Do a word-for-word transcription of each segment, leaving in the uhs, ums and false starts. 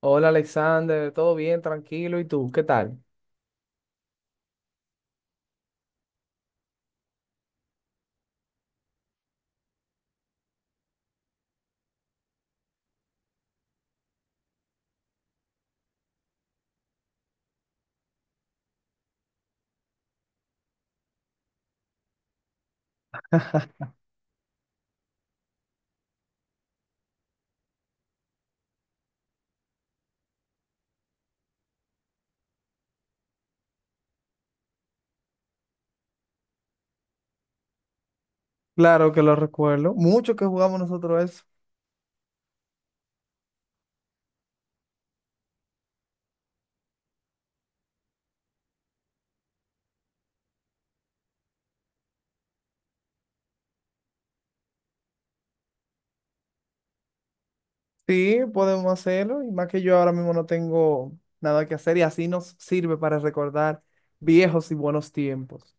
Hola Alexander, todo bien, tranquilo. ¿Y tú? ¿Qué tal? Claro que lo recuerdo. Mucho que jugamos nosotros eso. Sí, podemos hacerlo. Y más que yo ahora mismo no tengo nada que hacer y así nos sirve para recordar viejos y buenos tiempos.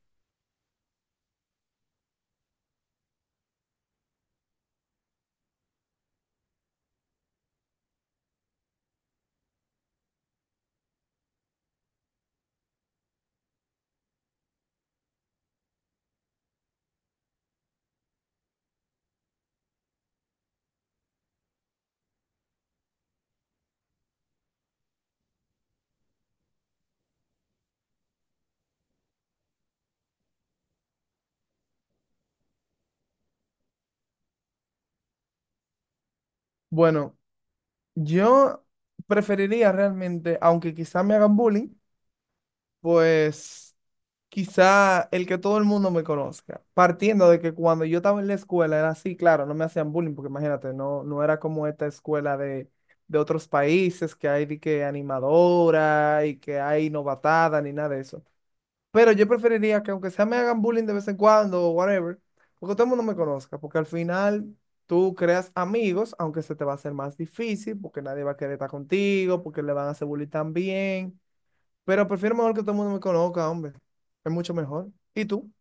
Bueno, yo preferiría realmente, aunque quizá me hagan bullying, pues quizá el que todo el mundo me conozca, partiendo de que cuando yo estaba en la escuela era así, claro, no me hacían bullying, porque imagínate, no, no era como esta escuela de, de otros países que hay de que animadora y que hay novatada ni nada de eso. Pero yo preferiría que aunque sea me hagan bullying de vez en cuando o whatever, porque todo el mundo me conozca, porque al final tú creas amigos, aunque se te va a hacer más difícil, porque nadie va a querer estar contigo, porque le van a hacer bullying también. Pero prefiero mejor que todo el mundo me conozca, hombre. Es mucho mejor. ¿Y tú?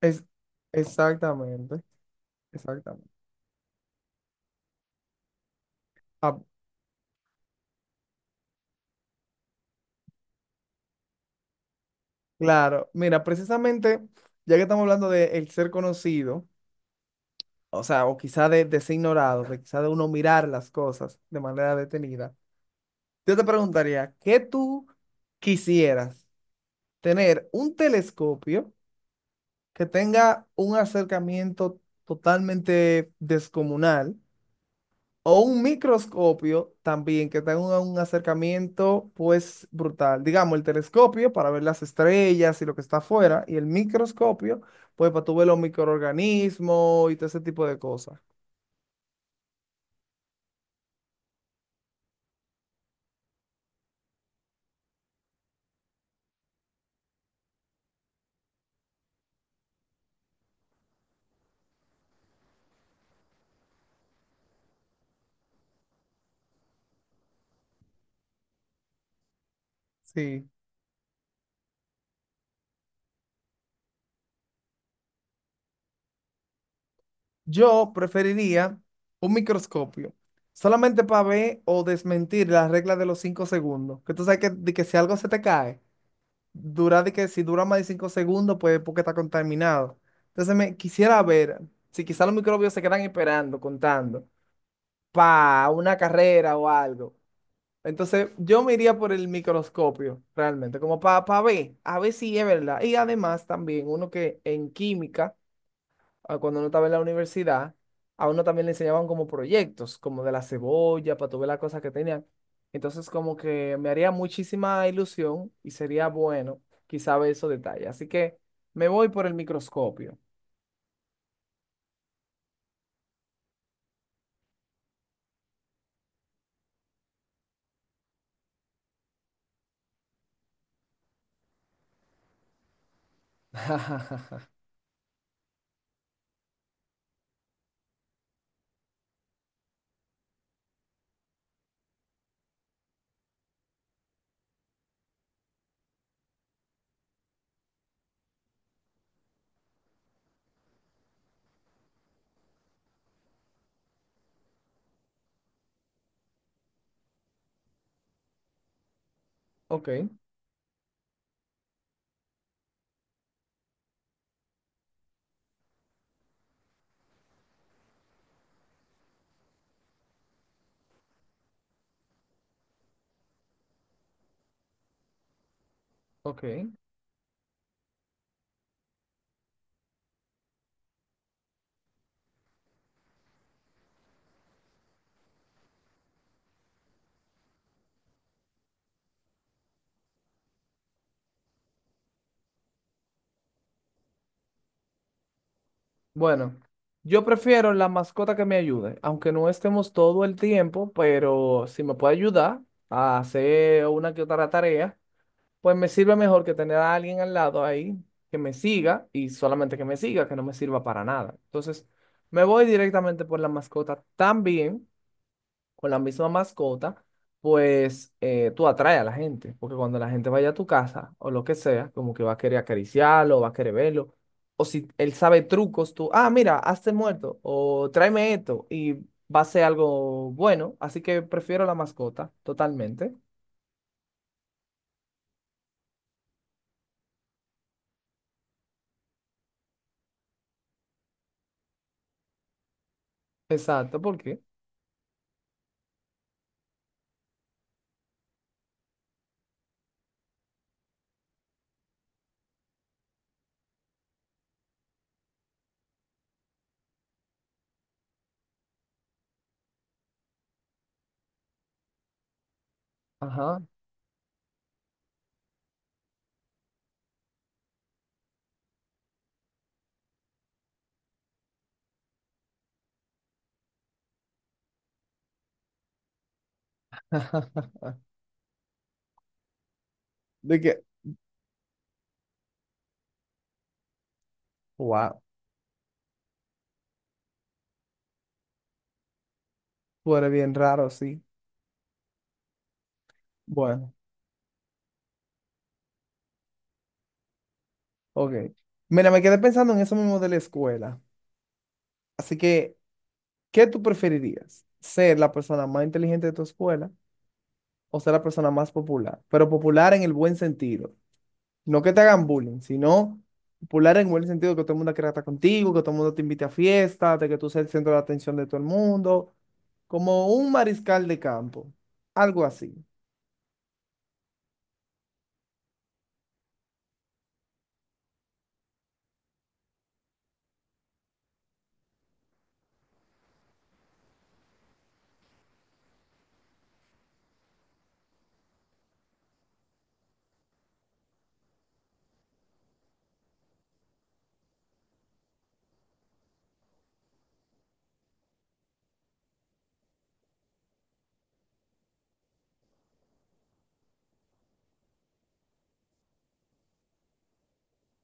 Es, Exactamente, exactamente. Ah, claro, mira, precisamente, ya que estamos hablando de el ser conocido, o sea, o quizá de, de, ser ignorado, de quizá de uno mirar las cosas de manera detenida, yo te preguntaría, ¿qué tú quisieras? ¿Tener un telescopio que tenga un acercamiento totalmente descomunal? O un microscopio también que tenga un, un acercamiento pues brutal. Digamos, el telescopio para ver las estrellas y lo que está afuera, y el microscopio pues para tú ver los microorganismos y todo ese tipo de cosas. Sí. Yo preferiría un microscopio solamente para ver o desmentir las reglas de los cinco segundos. Que tú sabes que, de que si algo se te cae, dura de que si dura más de cinco segundos, pues porque está contaminado. Entonces me quisiera ver si quizás los microbios se quedan esperando, contando, para una carrera o algo. Entonces yo me iría por el microscopio, realmente, como para ver, a ver si es verdad. Y además también uno que en química ah, cuando uno estaba en la universidad, a uno también le enseñaban como proyectos, como de la cebolla, para tú ver las cosas que tenían. Entonces, como que me haría muchísima ilusión y sería bueno quizá ver esos detalles. Así que me voy por el microscopio. Ok, ok. Bueno, yo prefiero la mascota que me ayude, aunque no estemos todo el tiempo, pero si me puede ayudar a hacer una que otra tarea. Pues me sirve mejor que tener a alguien al lado ahí que me siga y solamente que me siga, que no me sirva para nada. Entonces, me voy directamente por la mascota también, con la misma mascota, pues eh, tú atraes a la gente, porque cuando la gente vaya a tu casa o lo que sea, como que va a querer acariciarlo, va a querer verlo, o si él sabe trucos, tú, ah, mira, hazte muerto, o tráeme esto, y va a ser algo bueno, así que prefiero la mascota totalmente. Exacto, ¿por qué? Ajá. De que, wow, tú eres bien raro, sí. Bueno, ok. Mira, me quedé pensando en eso mismo de la escuela. Así que, ¿qué tú preferirías? ¿Ser la persona más inteligente de tu escuela o ser la persona más popular? Pero popular en el buen sentido. No que te hagan bullying, sino popular en el buen sentido, que todo el mundo quiera estar contigo, que todo el mundo te invite a fiestas, de que tú seas el centro de atención de todo el mundo, como un mariscal de campo, algo así.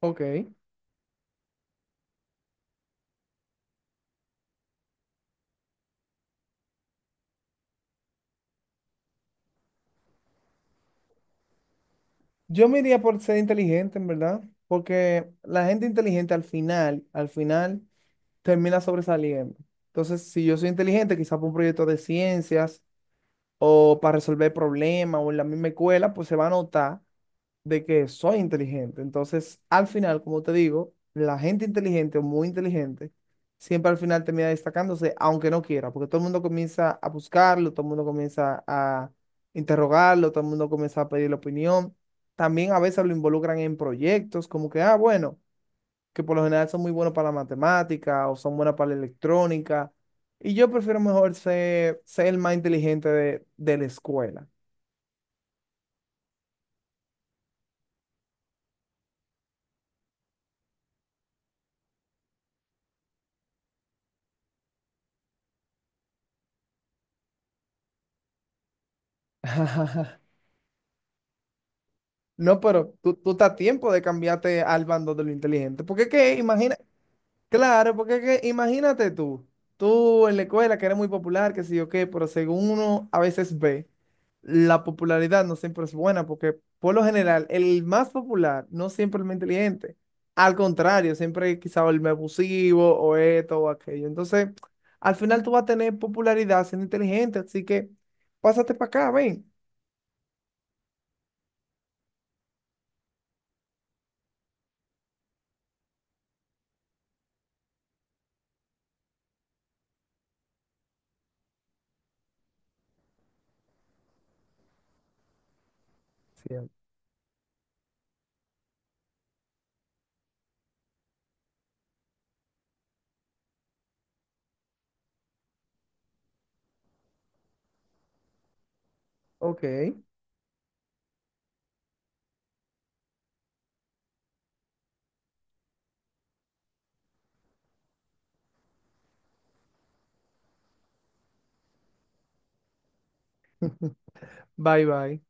Ok. Yo me iría por ser inteligente, en verdad, porque la gente inteligente al final, al final, termina sobresaliendo. Entonces, si yo soy inteligente, quizás por un proyecto de ciencias o para resolver problemas o en la misma escuela, pues se va a notar de que soy inteligente. Entonces, al final, como te digo, la gente inteligente o muy inteligente siempre al final termina destacándose, aunque no quiera, porque todo el mundo comienza a buscarlo, todo el mundo comienza a interrogarlo, todo el mundo comienza a pedirle opinión. También a veces lo involucran en proyectos, como que, ah, bueno que por lo general son muy buenos para la matemática o son buenas para la electrónica. Y yo prefiero mejor ser, ser, el más inteligente de, de la escuela. No, pero tú, tú estás a tiempo de cambiarte al bando de lo inteligente. Porque es que, imagina, claro, porque es que imagínate tú, tú en la escuela que eres muy popular, que sí o qué, pero según uno a veces ve, la popularidad no siempre es buena, porque por lo general el más popular no siempre es el más inteligente. Al contrario, siempre quizá el más abusivo o esto o aquello. Entonces, al final tú vas a tener popularidad siendo inteligente, así que pásate para acá, ven. Sí. Ok, bye bye.